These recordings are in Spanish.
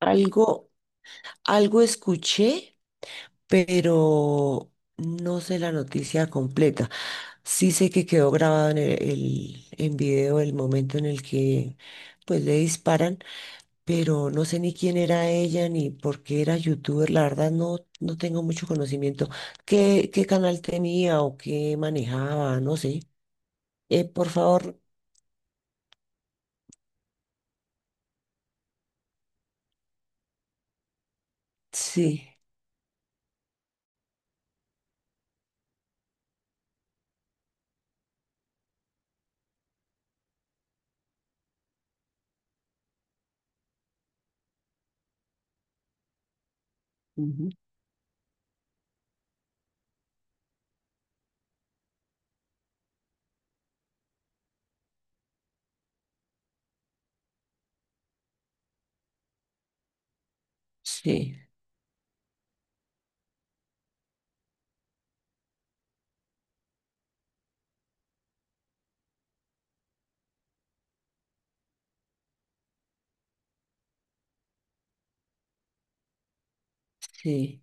Algo, algo escuché, pero no sé la noticia completa. Sí sé que quedó grabado en en video el momento en el que pues le disparan, pero no sé ni quién era ella ni por qué era youtuber. La verdad no tengo mucho conocimiento. ¿Qué canal tenía o qué manejaba? No sé. Por favor, sí, ujú, sí, sí.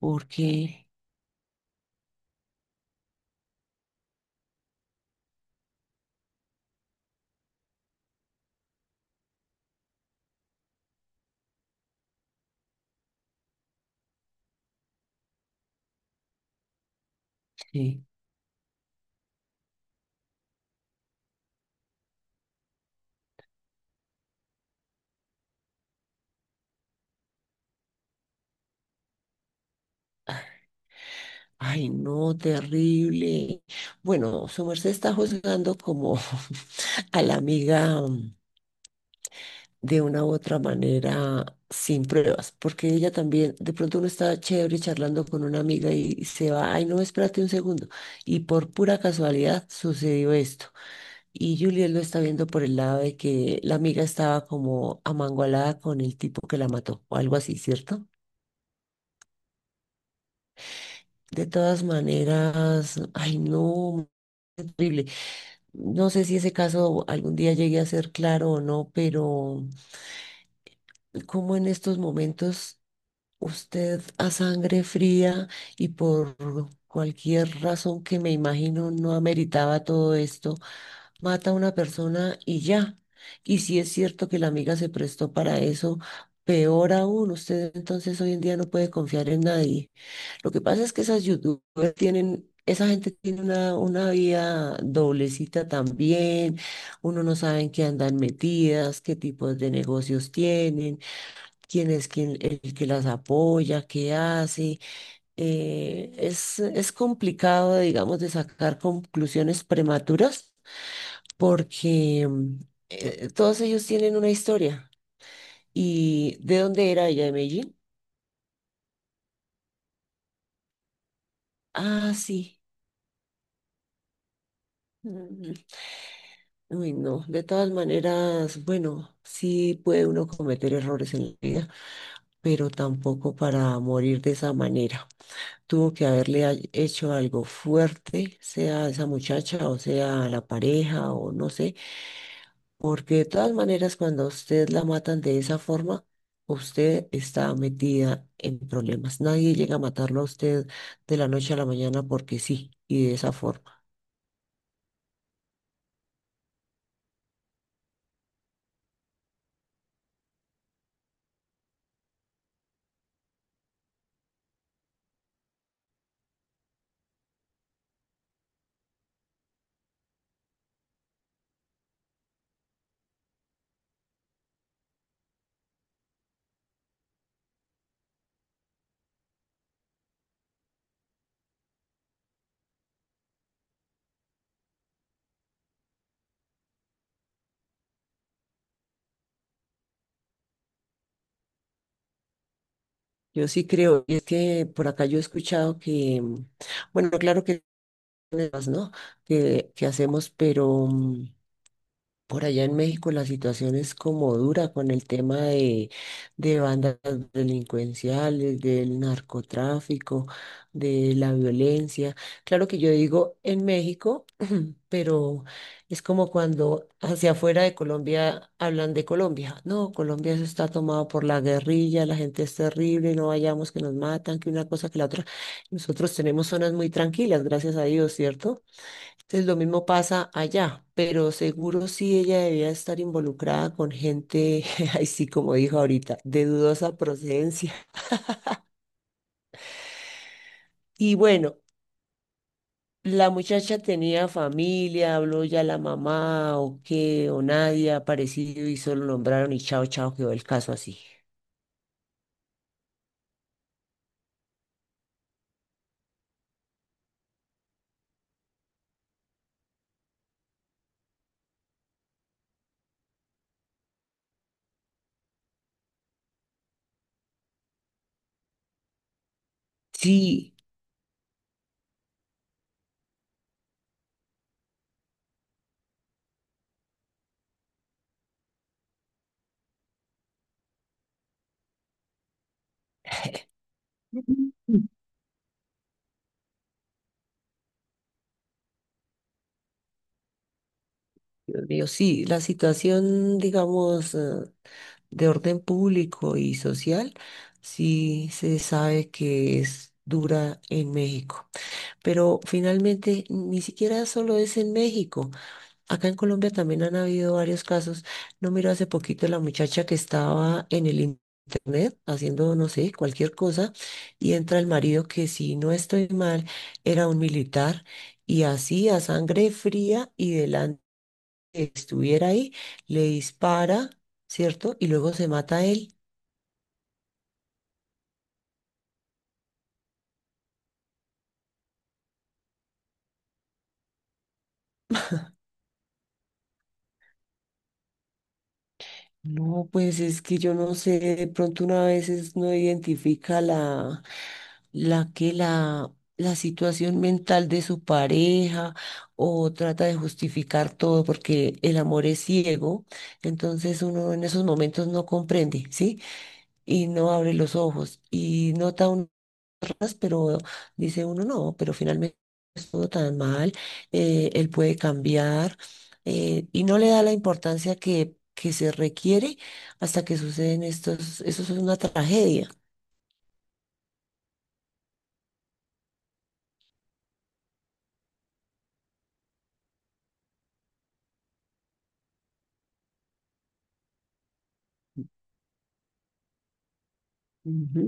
¿Por qué? Sí. Ay, no, terrible. Bueno, su merced está juzgando como a la amiga de una u otra manera sin pruebas, porque ella también, de pronto uno está chévere charlando con una amiga y se va, ay, no, espérate un segundo. Y por pura casualidad sucedió esto. Y Juliet lo está viendo por el lado de que la amiga estaba como amangualada con el tipo que la mató, o algo así, ¿cierto? De todas maneras, ay, no, terrible. No sé si ese caso algún día llegue a ser claro o no, pero como en estos momentos usted a sangre fría y por cualquier razón que me imagino no ameritaba todo esto, mata a una persona y ya. Y si es cierto que la amiga se prestó para eso, peor aún, usted entonces hoy en día no puede confiar en nadie. Lo que pasa es que esas youtubers tienen, esa gente tiene una vida doblecita también, uno no sabe en qué andan metidas, qué tipos de negocios tienen, quién es quien, el que las apoya, qué hace. Es complicado, digamos, de sacar conclusiones prematuras porque todos ellos tienen una historia. ¿Y de dónde era ella? ¿De Medellín? Ah, sí. Mm, uy, no. De todas maneras, bueno, sí puede uno cometer errores en la vida, pero tampoco para morir de esa manera. Tuvo que hecho algo fuerte, sea a esa muchacha o sea a la pareja o no sé. Porque de todas maneras, cuando a usted la matan de esa forma, usted está metida en problemas. Nadie llega a matarlo a usted de la noche a la mañana porque sí, y de esa forma. Yo sí creo, y es que por acá yo he escuchado que, bueno, claro que hay problemas, ¿no? Que hacemos, pero por allá en México la situación es como dura con el tema de bandas delincuenciales, del narcotráfico, de la violencia. Claro que yo digo en México, pero es como cuando hacia afuera de Colombia hablan de Colombia. No, Colombia eso está tomado por la guerrilla, la gente es terrible, no vayamos que nos matan, que una cosa que la otra. Nosotros tenemos zonas muy tranquilas, gracias a Dios, ¿cierto? Entonces lo mismo pasa allá, pero seguro sí ella debía estar involucrada con gente, ay sí como dijo ahorita, de dudosa procedencia. Y bueno, la muchacha tenía familia, habló ya la mamá o qué, o nadie ha aparecido y solo nombraron y chao, chao, quedó el caso así. Sí. Dios mío, sí, la situación, digamos, de orden público y social, sí se sabe que es dura en México. Pero finalmente, ni siquiera solo es en México. Acá en Colombia también han habido varios casos. No miro hace poquito la muchacha que estaba en internet haciendo, no sé, cualquier cosa, y entra el marido que, si no estoy mal, era un militar. Y así a sangre fría y delante estuviera ahí, le dispara, ¿cierto? Y luego se mata a él. No, pues es que yo no sé, de pronto una vez no identifica la situación mental de su pareja o trata de justificar todo porque el amor es ciego, entonces uno en esos momentos no comprende, ¿sí? Y no abre los ojos y nota raras, pero dice uno no, pero finalmente no estuvo tan mal, él puede cambiar, y no le da la importancia que se requiere hasta que suceden estos, eso es una tragedia. Ujú.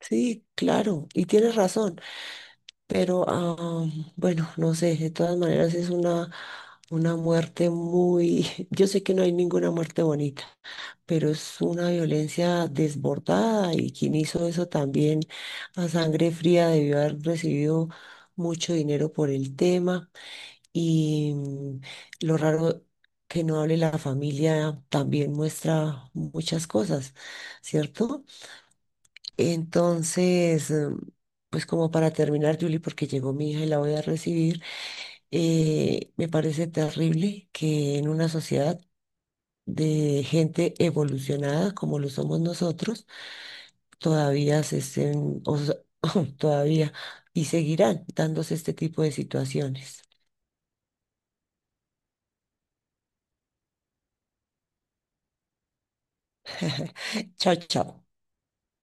Sí, claro, y tienes razón. Pero bueno, no sé, de todas maneras es una muerte muy, yo sé que no hay ninguna muerte bonita, pero es una violencia desbordada y quien hizo eso también a sangre fría debió haber recibido mucho dinero por el tema y mm, lo raro que no hable la familia también muestra muchas cosas, ¿cierto? Entonces, pues como para terminar, Julie, porque llegó mi hija y la voy a recibir, me parece terrible que en una sociedad de gente evolucionada como lo somos nosotros, todavía se estén, o sea, todavía y seguirán dándose este tipo de situaciones. Chao, chao.